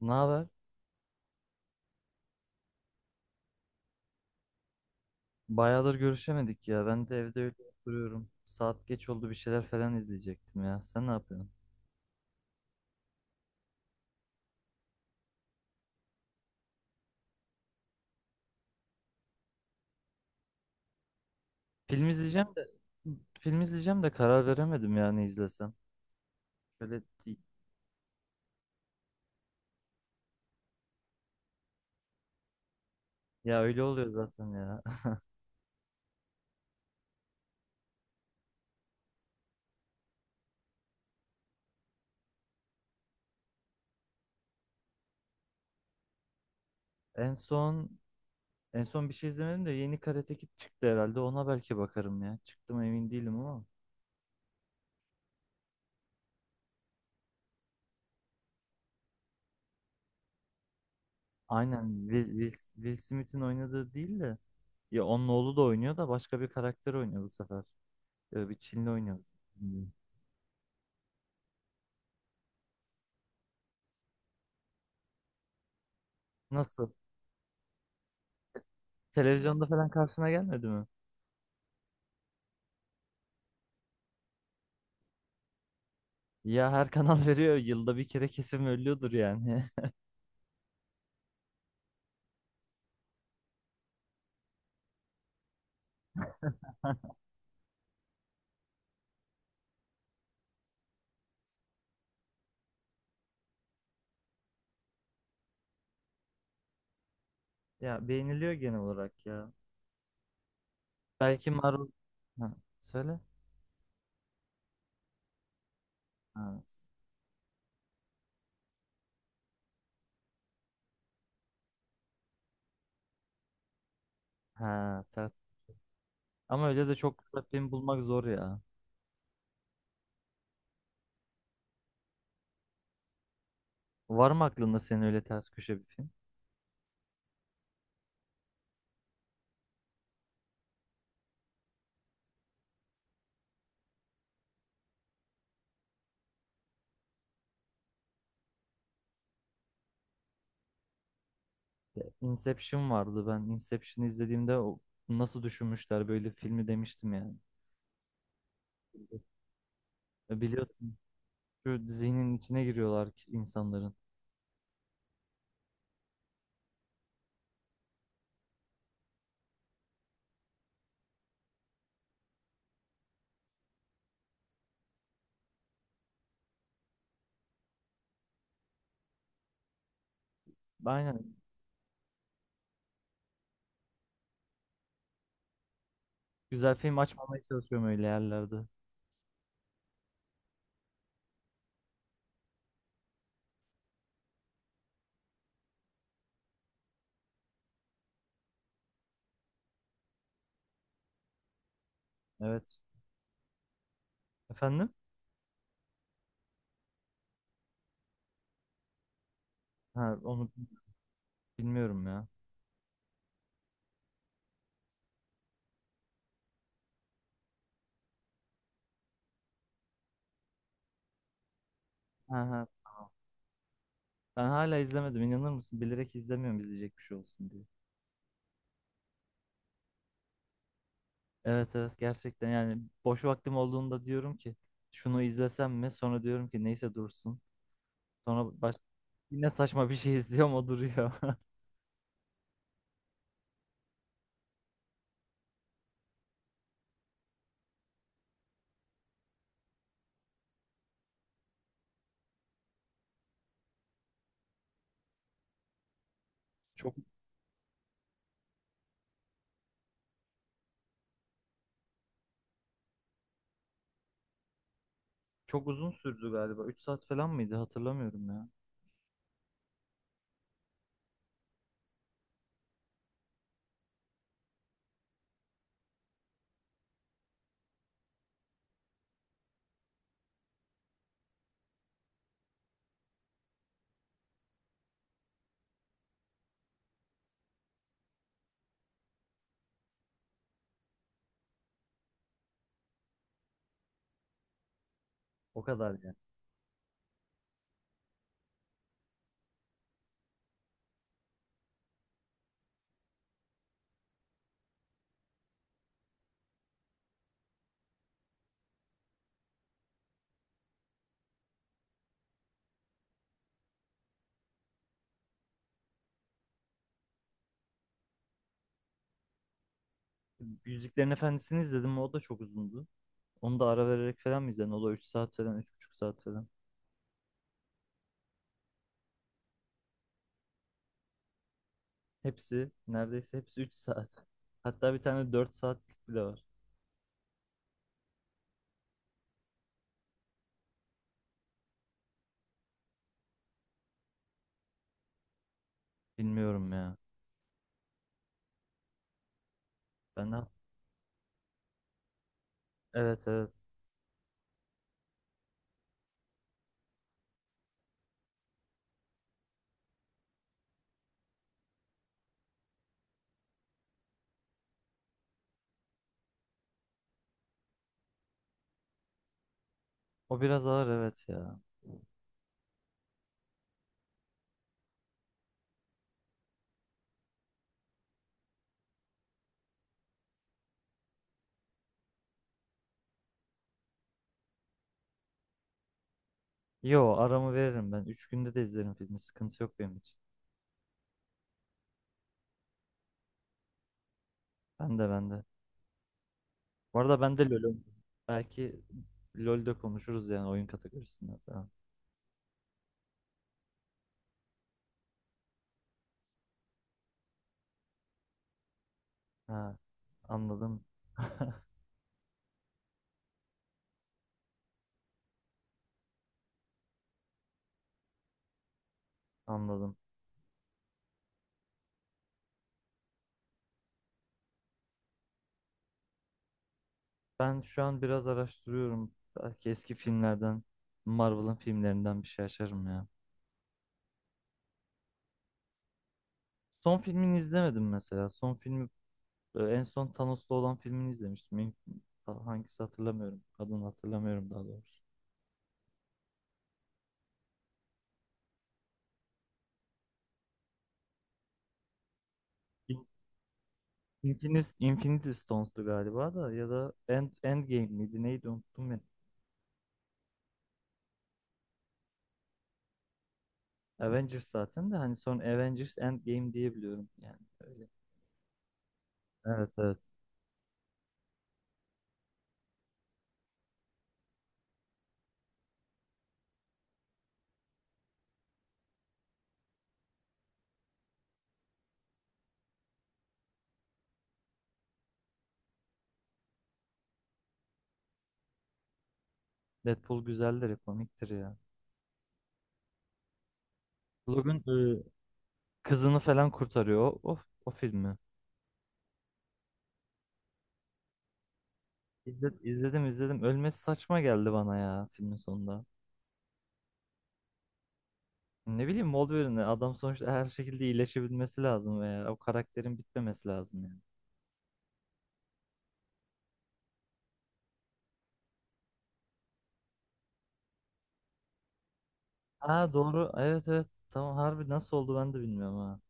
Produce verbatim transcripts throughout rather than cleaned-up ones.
Ne haber? Bayağıdır görüşemedik ya. Ben de evde öyle duruyorum. Saat geç oldu, bir şeyler falan izleyecektim ya. Sen ne yapıyorsun? Film izleyeceğim de Film izleyeceğim de karar veremedim ya ne izlesem. Şöyle Ya öyle oluyor zaten ya. En son en son bir şey izlemedim de yeni Karate Kid çıktı herhalde. Ona belki bakarım ya. Çıktı mı emin değilim ama. Aynen, Will, Will, Will Smith'in oynadığı değil de ya onun oğlu da oynuyor da başka bir karakter oynuyor bu sefer. Ee, bir Çinli oynuyor. Nasıl? Televizyonda falan karşısına gelmedi mi? Ya her kanal veriyor. Yılda bir kere kesin ölüyordur yani. Ya beğeniliyor genel olarak ya. Belki Marvel... Ha, söyle. Ha, ha, ters. Ama öyle de çok güzel film bulmak zor ya. Var mı aklında senin öyle ters köşe bir film? Ya, Inception vardı. Ben Inception'ı izlediğimde o- nasıl düşünmüşler böyle filmi demiştim yani. Ya E, biliyorsun şu zihnin içine giriyorlar ki insanların. Aynen. Güzel film açmamaya çalışıyorum öyle yerlerde. Evet. Efendim? Ha, onu bilmiyorum ya. Ha, ha. Ben hala izlemedim, inanır mısın? Bilerek izlemiyorum, izleyecek bir şey olsun diye. Evet, evet, gerçekten yani boş vaktim olduğunda diyorum ki şunu izlesem mi? Sonra diyorum ki neyse dursun. Sonra baş... Yine saçma bir şey izliyorum, o duruyor. Çok çok uzun sürdü galiba. Üç saat falan mıydı? Hatırlamıyorum ya. O kadar yani. Yüzüklerin Efendisi'ni izledim. O da çok uzundu. Onu da ara vererek falan mı izledin? O da üç saat falan, üç buçuk saat falan. Hepsi neredeyse hepsi üç saat. Hatta bir tane dört saatlik bile var. Bilmiyorum ya. Ben de. Evet, evet. O biraz ağır, evet ya. Yo, aramı veririm ben. Üç günde de izlerim filmi. Sıkıntı yok benim için. Ben de, ben de. Bu arada ben de LoL oynuyorum. Belki LoL'de konuşuruz yani, oyun kategorisinde falan. Ha, anladım. Anladım. Ben şu an biraz araştırıyorum. Belki eski filmlerden, Marvel'ın filmlerinden bir şey açarım ya. Son filmini izlemedim mesela. Son filmi Ee, en son Thanos'la olan filmini izlemiştim. İn- Hangisi hatırlamıyorum. Adını hatırlamıyorum daha doğrusu. İn- Infinis- Infinity Stones'tu galiba, da ya da End, Endgame miydi neydi, unuttum ya. Avengers zaten, de hani son Avengers Endgame diye biliyorum yani, öyle. Evet, evet. Deadpool güzeldir, komiktir ya. Logan, e, kızını falan kurtarıyor. O, o, o filmi. İzledim, izledim, izledim. Ölmesi saçma geldi bana ya, filmin sonunda. Ne bileyim, Wolverine adam sonuçta, her şekilde iyileşebilmesi lazım veya o karakterin bitmemesi lazım yani. Ha, doğru, evet, evet, tamam, harbi nasıl oldu ben de bilmiyorum, ha.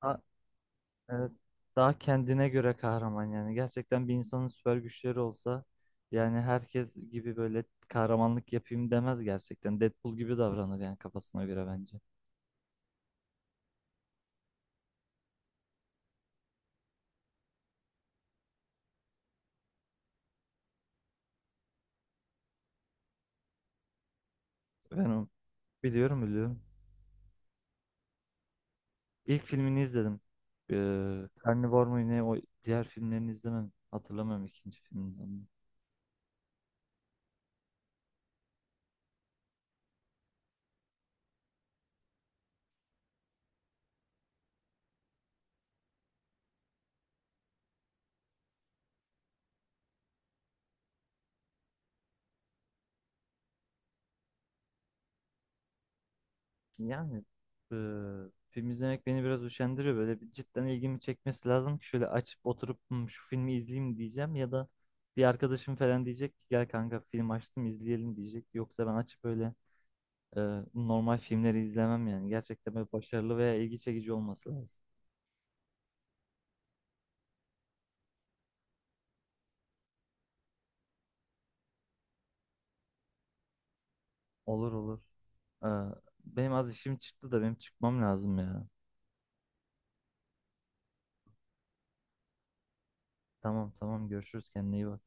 Ha, evet, daha kendine göre kahraman yani. Gerçekten bir insanın süper güçleri olsa, yani herkes gibi böyle kahramanlık yapayım demez gerçekten. Deadpool gibi davranır yani, kafasına göre, bence. Ben onu biliyorum, biliyorum. İlk filmini izledim. Ee, Carnivore mu ne, o diğer filmlerini izlemedim. Hatırlamıyorum ikinci filmini. Yani eee, film izlemek beni biraz üşendiriyor. Böyle bir cidden ilgimi çekmesi lazım ki şöyle açıp oturup "Hmm, şu filmi izleyeyim" diyeceğim, ya da bir arkadaşım falan diyecek ki "gel kanka, film açtım, izleyelim" diyecek. Yoksa ben açıp öyle eee, normal filmleri izlemem yani. Gerçekten böyle başarılı veya ilgi çekici olması lazım. Olur, olur. Eee, Benim az işim çıktı da, benim çıkmam lazım ya. Tamam, tamam, görüşürüz, kendine iyi bak.